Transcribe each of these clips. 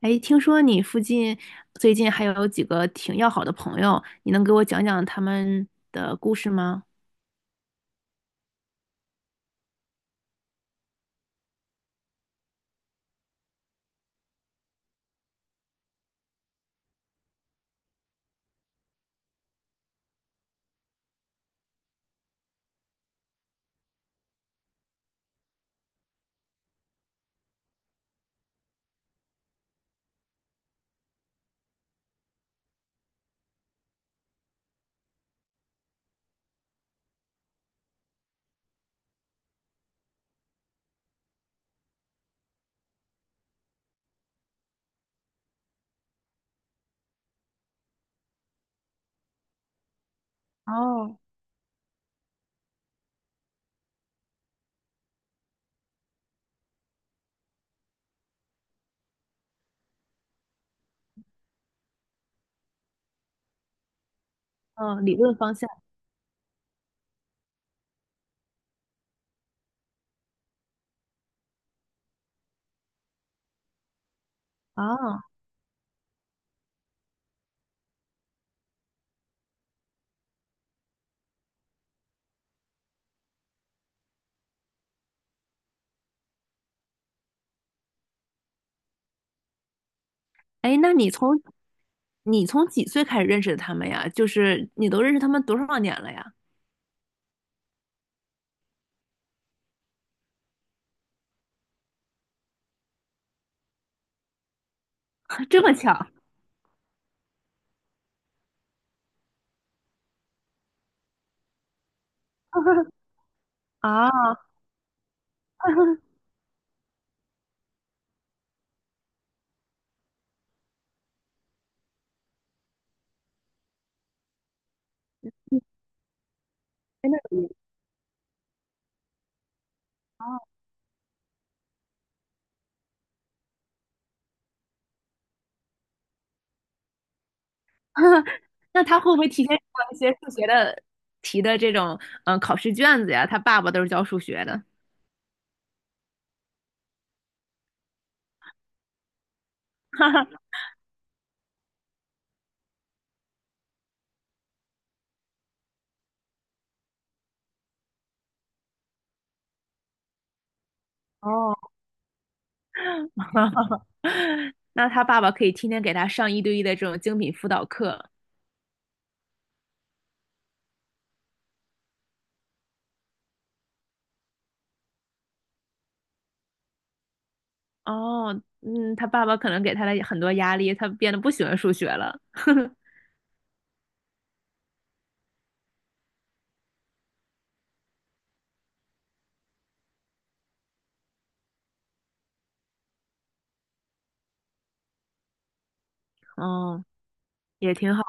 哎，听说你附近最近还有几个挺要好的朋友，你能给我讲讲他们的故事吗？哦，嗯，理论方向。啊。哎，那你从几岁开始认识的他们呀？就是你都认识他们多少年了呀？这么巧 啊？真的有缘哦 那他会不会提前做一些数学的题的这种嗯考试卷子呀？他爸爸都是教数学的。哦。那他爸爸可以天天给他上一对一的这种精品辅导课。哦，嗯，他爸爸可能给他了很多压力，他变得不喜欢数学了。哦，也挺好。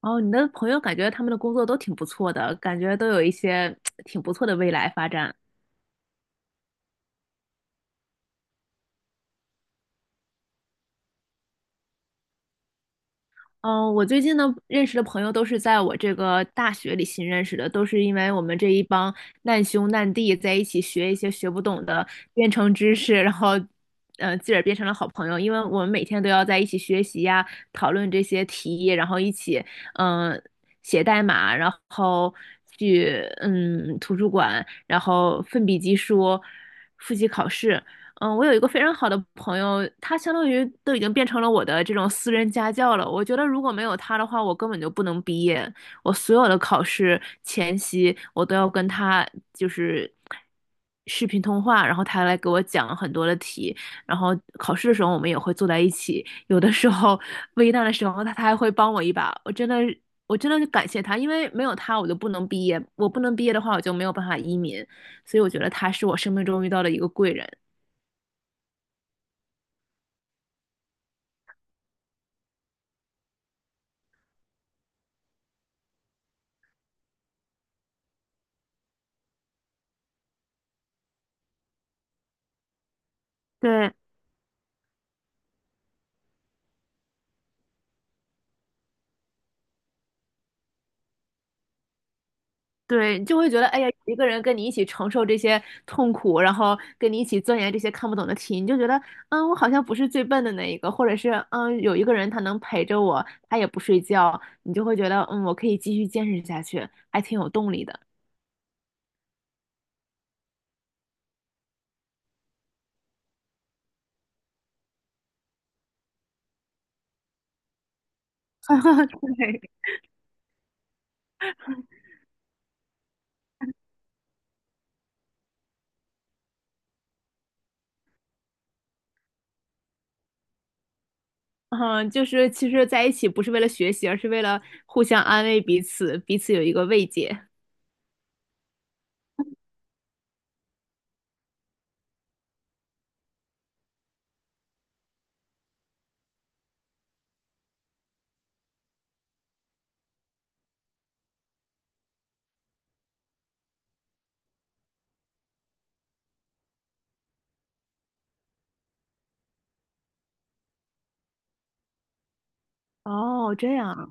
哦，你的朋友感觉他们的工作都挺不错的，感觉都有一些 挺不错的未来发展。嗯，我最近呢认识的朋友都是在我这个大学里新认识的，都是因为我们这一帮难兄难弟在一起学一些学不懂的编程知识，然后，嗯、自个儿变成了好朋友。因为我们每天都要在一起学习呀，讨论这些题，然后一起，嗯、写代码，然后去，嗯，图书馆，然后奋笔疾书，复习考试。嗯，我有一个非常好的朋友，他相当于都已经变成了我的这种私人家教了。我觉得如果没有他的话，我根本就不能毕业。我所有的考试前夕，我都要跟他就是视频通话，然后他来给我讲很多的题。然后考试的时候，我们也会坐在一起。有的时候危难的时候，他还会帮我一把。我真的，我真的感谢他，因为没有他，我就不能毕业。我不能毕业的话，我就没有办法移民。所以我觉得他是我生命中遇到的一个贵人。对，对，你就会觉得，哎呀，一个人跟你一起承受这些痛苦，然后跟你一起钻研这些看不懂的题，你就觉得，嗯，我好像不是最笨的那一个，或者是，嗯，有一个人他能陪着我，他也不睡觉，你就会觉得，嗯，我可以继续坚持下去，还挺有动力的。对，嗯，就是其实在一起不是为了学习，而是为了互相安慰彼此，彼此有一个慰藉。哦，这样。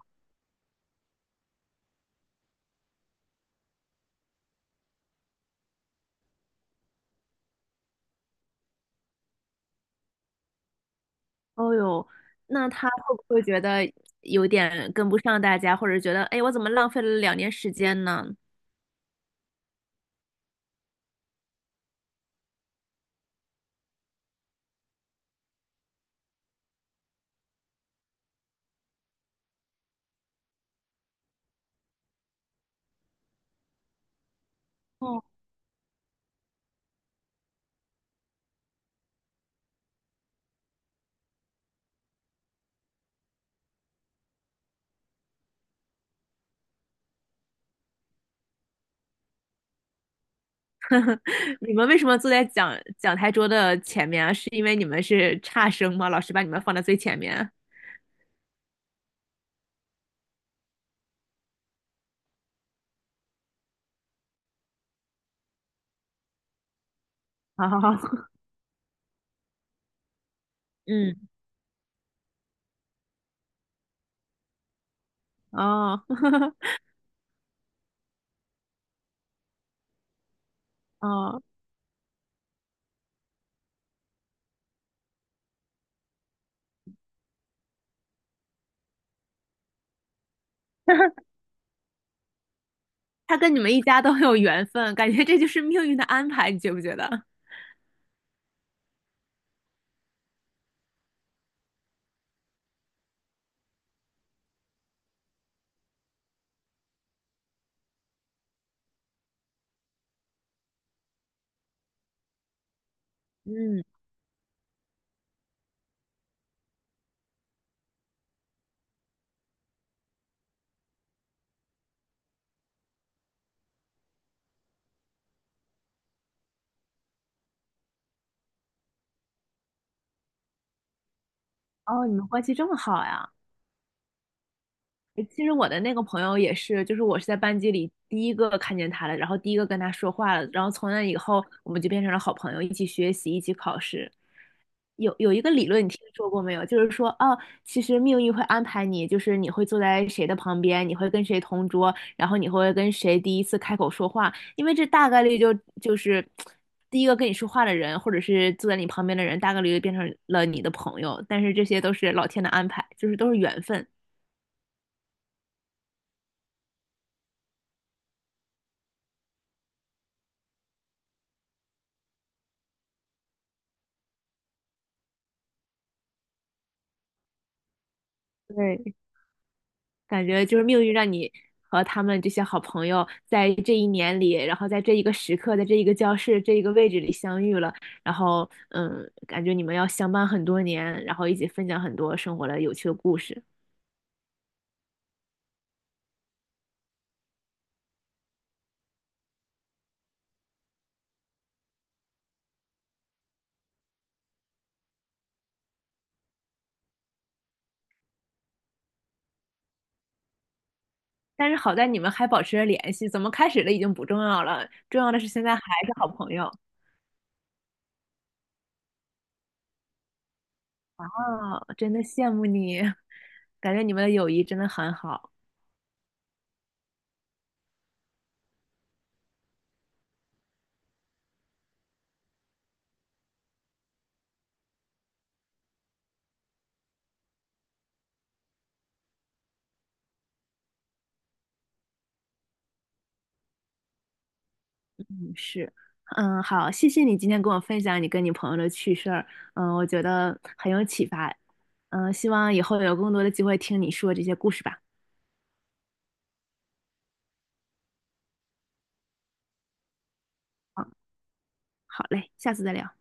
哦哟，那他会不会觉得有点跟不上大家，或者觉得，哎，我怎么浪费了两年时间呢？哦，你们为什么坐在讲台桌的前面啊？是因为你们是差生吗？老师把你们放在最前面？好好好，嗯，哦，哦，他跟你们一家都很有缘分，感觉这就是命运的安排，你觉不觉得？嗯，哦，你们关系这么好呀？其实我的那个朋友也是，就是我是在班级里第一个看见他的，然后第一个跟他说话了，然后从那以后我们就变成了好朋友，一起学习，一起考试。有一个理论，你听说过没有？就是说，啊，其实命运会安排你，就是你会坐在谁的旁边，你会跟谁同桌，然后你会跟谁第一次开口说话，因为这大概率就是第一个跟你说话的人，或者是坐在你旁边的人，大概率就变成了你的朋友。但是这些都是老天的安排，就是都是缘分。对，感觉就是命运让你和他们这些好朋友在这一年里，然后在这一个时刻，在这一个教室、这一个位置里相遇了，然后嗯，感觉你们要相伴很多年，然后一起分享很多生活的有趣的故事。但是好在你们还保持着联系，怎么开始的已经不重要了，重要的是现在还是好朋友啊，真的羡慕你，感觉你们的友谊真的很好。是，嗯，好，谢谢你今天跟我分享你跟你朋友的趣事儿，嗯，我觉得很有启发，嗯，希望以后有更多的机会听你说这些故事吧。嗯，好嘞，下次再聊。